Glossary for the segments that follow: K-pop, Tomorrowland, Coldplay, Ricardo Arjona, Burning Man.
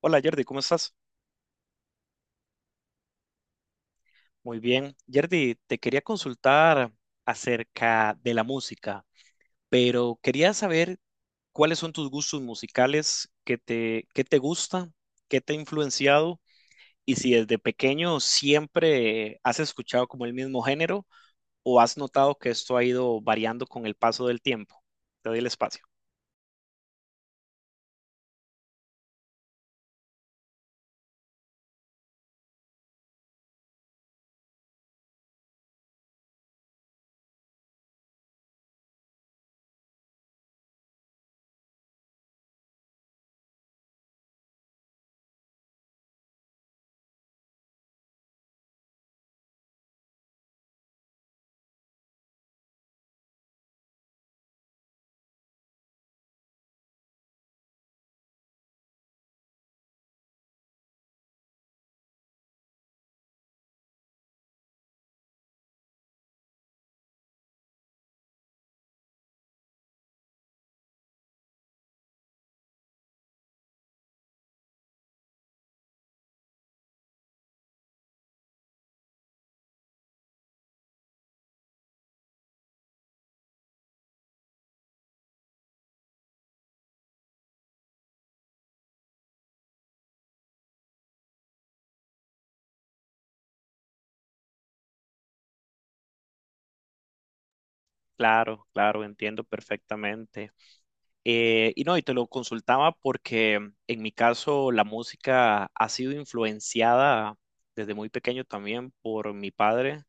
Hola Jordi, ¿cómo estás? Muy bien. Jordi, te quería consultar acerca de la música, pero quería saber cuáles son tus gustos musicales, qué te gusta, qué te ha influenciado y si desde pequeño siempre has escuchado como el mismo género o has notado que esto ha ido variando con el paso del tiempo. Te doy el espacio. Claro, claro, entiendo perfectamente. Y no, y te lo consultaba porque en mi caso la música ha sido influenciada desde muy pequeño también por mi padre.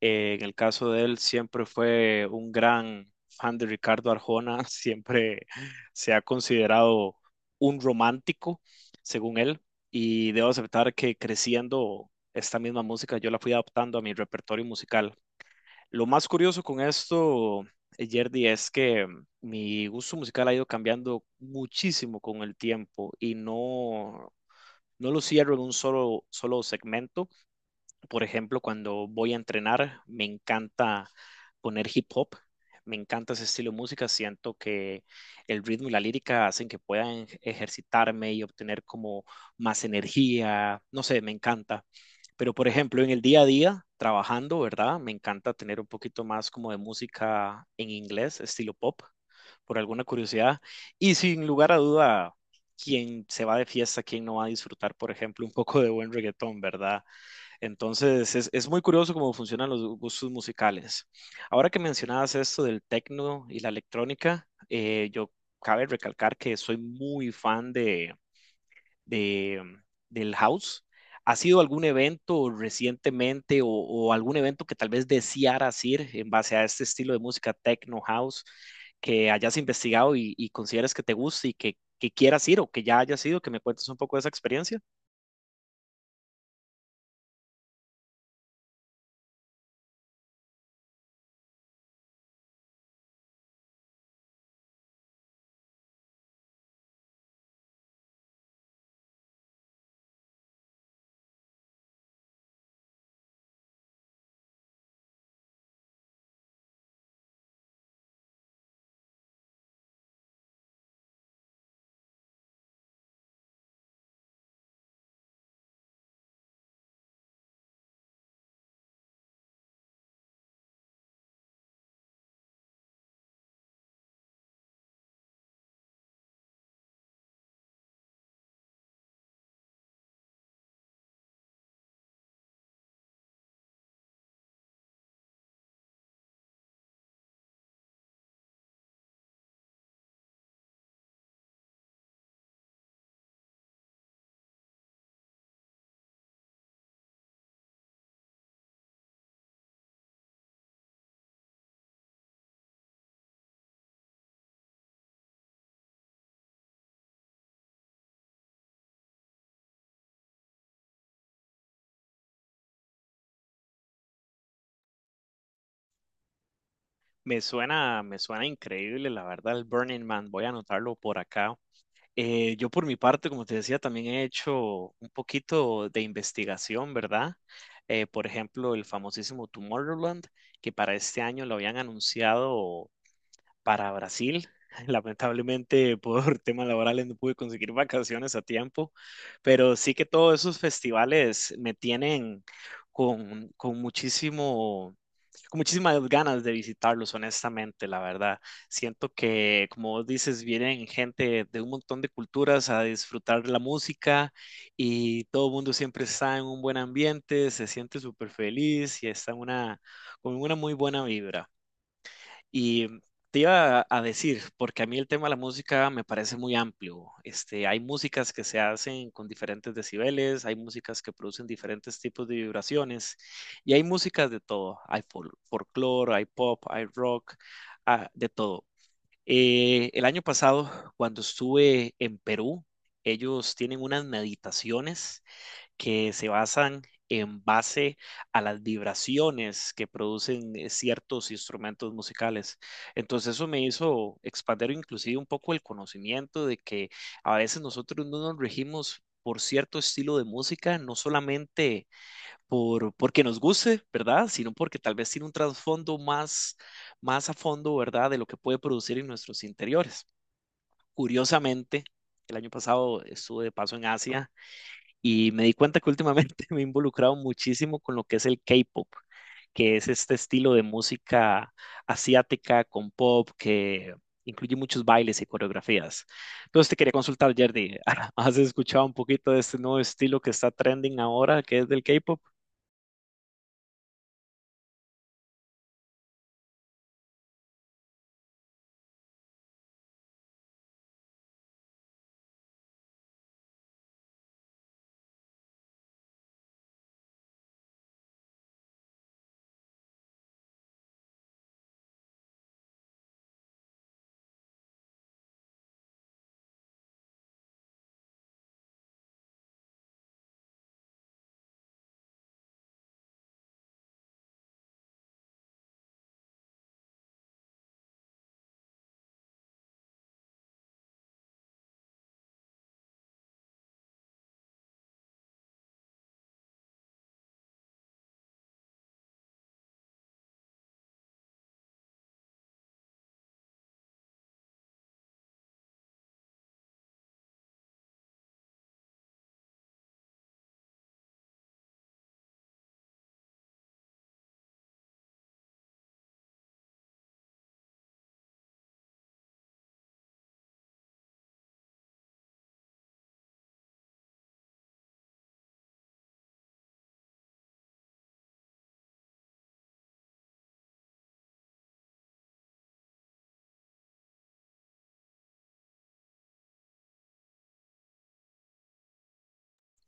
En el caso de él siempre fue un gran fan de Ricardo Arjona, siempre se ha considerado un romántico, según él, y debo aceptar que creciendo esta misma música yo la fui adaptando a mi repertorio musical. Lo más curioso con esto, Yerdy, es que mi gusto musical ha ido cambiando muchísimo con el tiempo y no lo cierro en un solo segmento. Por ejemplo, cuando voy a entrenar, me encanta poner hip hop, me encanta ese estilo de música, siento que el ritmo y la lírica hacen que puedan ejercitarme y obtener como más energía, no sé, me encanta. Pero, por ejemplo, en el día a día, trabajando, ¿verdad? Me encanta tener un poquito más como de música en inglés, estilo pop, por alguna curiosidad. Y sin lugar a duda, quien se va de fiesta, quien no va a disfrutar, por ejemplo, un poco de buen reggaetón, ¿verdad? Entonces, es muy curioso cómo funcionan los gustos musicales. Ahora que mencionabas esto del techno y la electrónica, yo cabe recalcar que soy muy fan de- mm, del house. ¿Ha sido algún evento recientemente o algún evento que tal vez desearas ir en base a este estilo de música techno house que hayas investigado y consideras que te guste y que quieras ir o que ya hayas ido? Que me cuentes un poco de esa experiencia. Me suena increíble, la verdad, el Burning Man. Voy a anotarlo por acá. Yo por mi parte, como te decía, también he hecho un poquito de investigación, ¿verdad? Por ejemplo, el famosísimo Tomorrowland, que para este año lo habían anunciado para Brasil. Lamentablemente, por temas laborales no pude conseguir vacaciones a tiempo, pero sí que todos esos festivales me tienen con muchísimo con muchísimas ganas de visitarlos, honestamente, la verdad. Siento que, como vos dices, vienen gente de un montón de culturas a disfrutar la música y todo el mundo siempre está en un buen ambiente, se siente súper feliz y está en con una muy buena vibra. Y te iba a decir, porque a mí el tema de la música me parece muy amplio. Este, hay músicas que se hacen con diferentes decibeles, hay músicas que producen diferentes tipos de vibraciones y hay músicas de todo. Hay folclore, hay pop, hay rock, ah, de todo. El año pasado, cuando estuve en Perú, ellos tienen unas meditaciones que se basan en base a las vibraciones que producen ciertos instrumentos musicales. Entonces eso me hizo expandir inclusive un poco el conocimiento de que a veces nosotros no nos regimos por cierto estilo de música, no solamente porque nos guste, ¿verdad? Sino porque tal vez tiene un trasfondo más a fondo, ¿verdad? De lo que puede producir en nuestros interiores. Curiosamente, el año pasado estuve de paso en Asia y me di cuenta que últimamente me he involucrado muchísimo con lo que es el K-pop, que es este estilo de música asiática con pop que incluye muchos bailes y coreografías. Entonces te quería consultar, Jerdy, ¿has escuchado un poquito de este nuevo estilo que está trending ahora, que es del K-pop?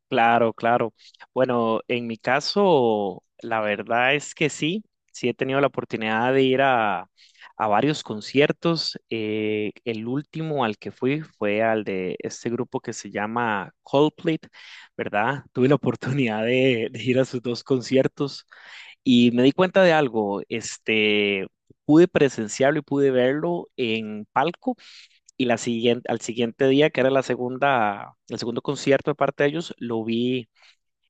Claro, claro. Bueno, en mi caso, la verdad es que sí, sí he tenido la oportunidad de ir a varios conciertos. El último al que fui fue al de este grupo que se llama Coldplay, ¿verdad? Tuve la oportunidad de ir a sus dos conciertos y me di cuenta de algo, este, pude presenciarlo y pude verlo en palco. Y la siguiente, al siguiente día, que era el segundo concierto de parte de ellos, lo vi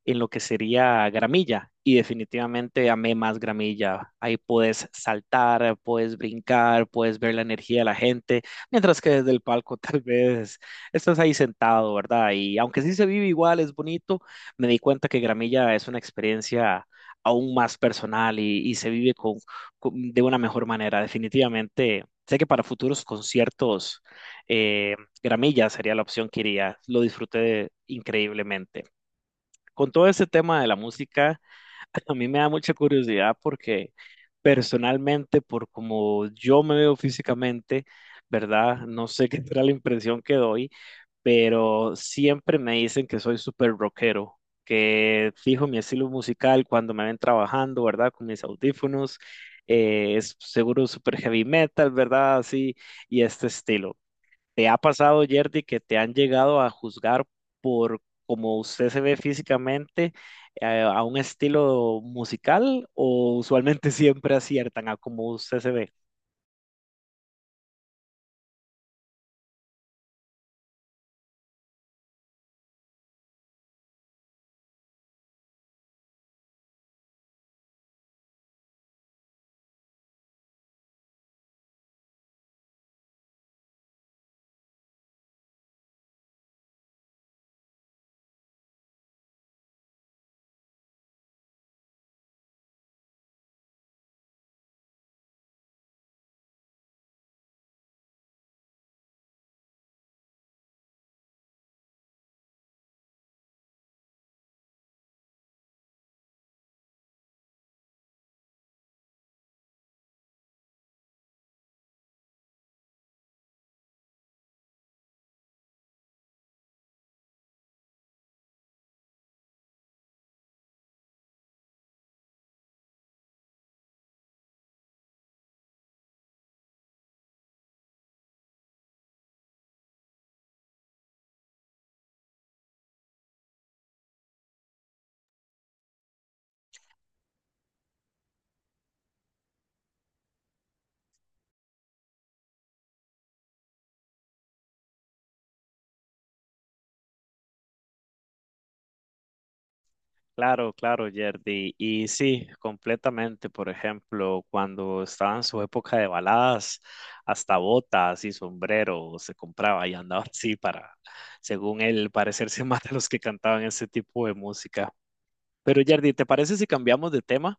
en lo que sería gramilla y definitivamente amé más gramilla. Ahí puedes saltar, puedes brincar, puedes ver la energía de la gente, mientras que desde el palco tal vez estás ahí sentado, ¿verdad? Y aunque sí se vive igual, es bonito, me di cuenta que gramilla es una experiencia aún más personal y se vive de una mejor manera. Definitivamente, sé que para futuros conciertos, eh, gramilla sería la opción que iría. Lo disfruté increíblemente con todo ese tema de la música, a mí me da mucha curiosidad porque personalmente, por como yo me veo físicamente, ¿verdad? No sé qué será la impresión que doy, pero siempre me dicen que soy súper rockero, que fijo mi estilo musical cuando me ven trabajando, ¿verdad? Con mis audífonos, es seguro súper heavy metal, ¿verdad? Así, y este estilo. ¿Te ha pasado, Yerdy, que te han llegado a juzgar por cómo usted se ve físicamente a un estilo musical o usualmente siempre aciertan a cómo usted se ve? Claro, claro, Yerdy. Y sí, completamente. Por ejemplo, cuando estaba en su época de baladas, hasta botas y sombrero se compraba y andaba así para, según él, parecerse más a los que cantaban ese tipo de música. Pero, Yerdy, ¿te parece si cambiamos de tema?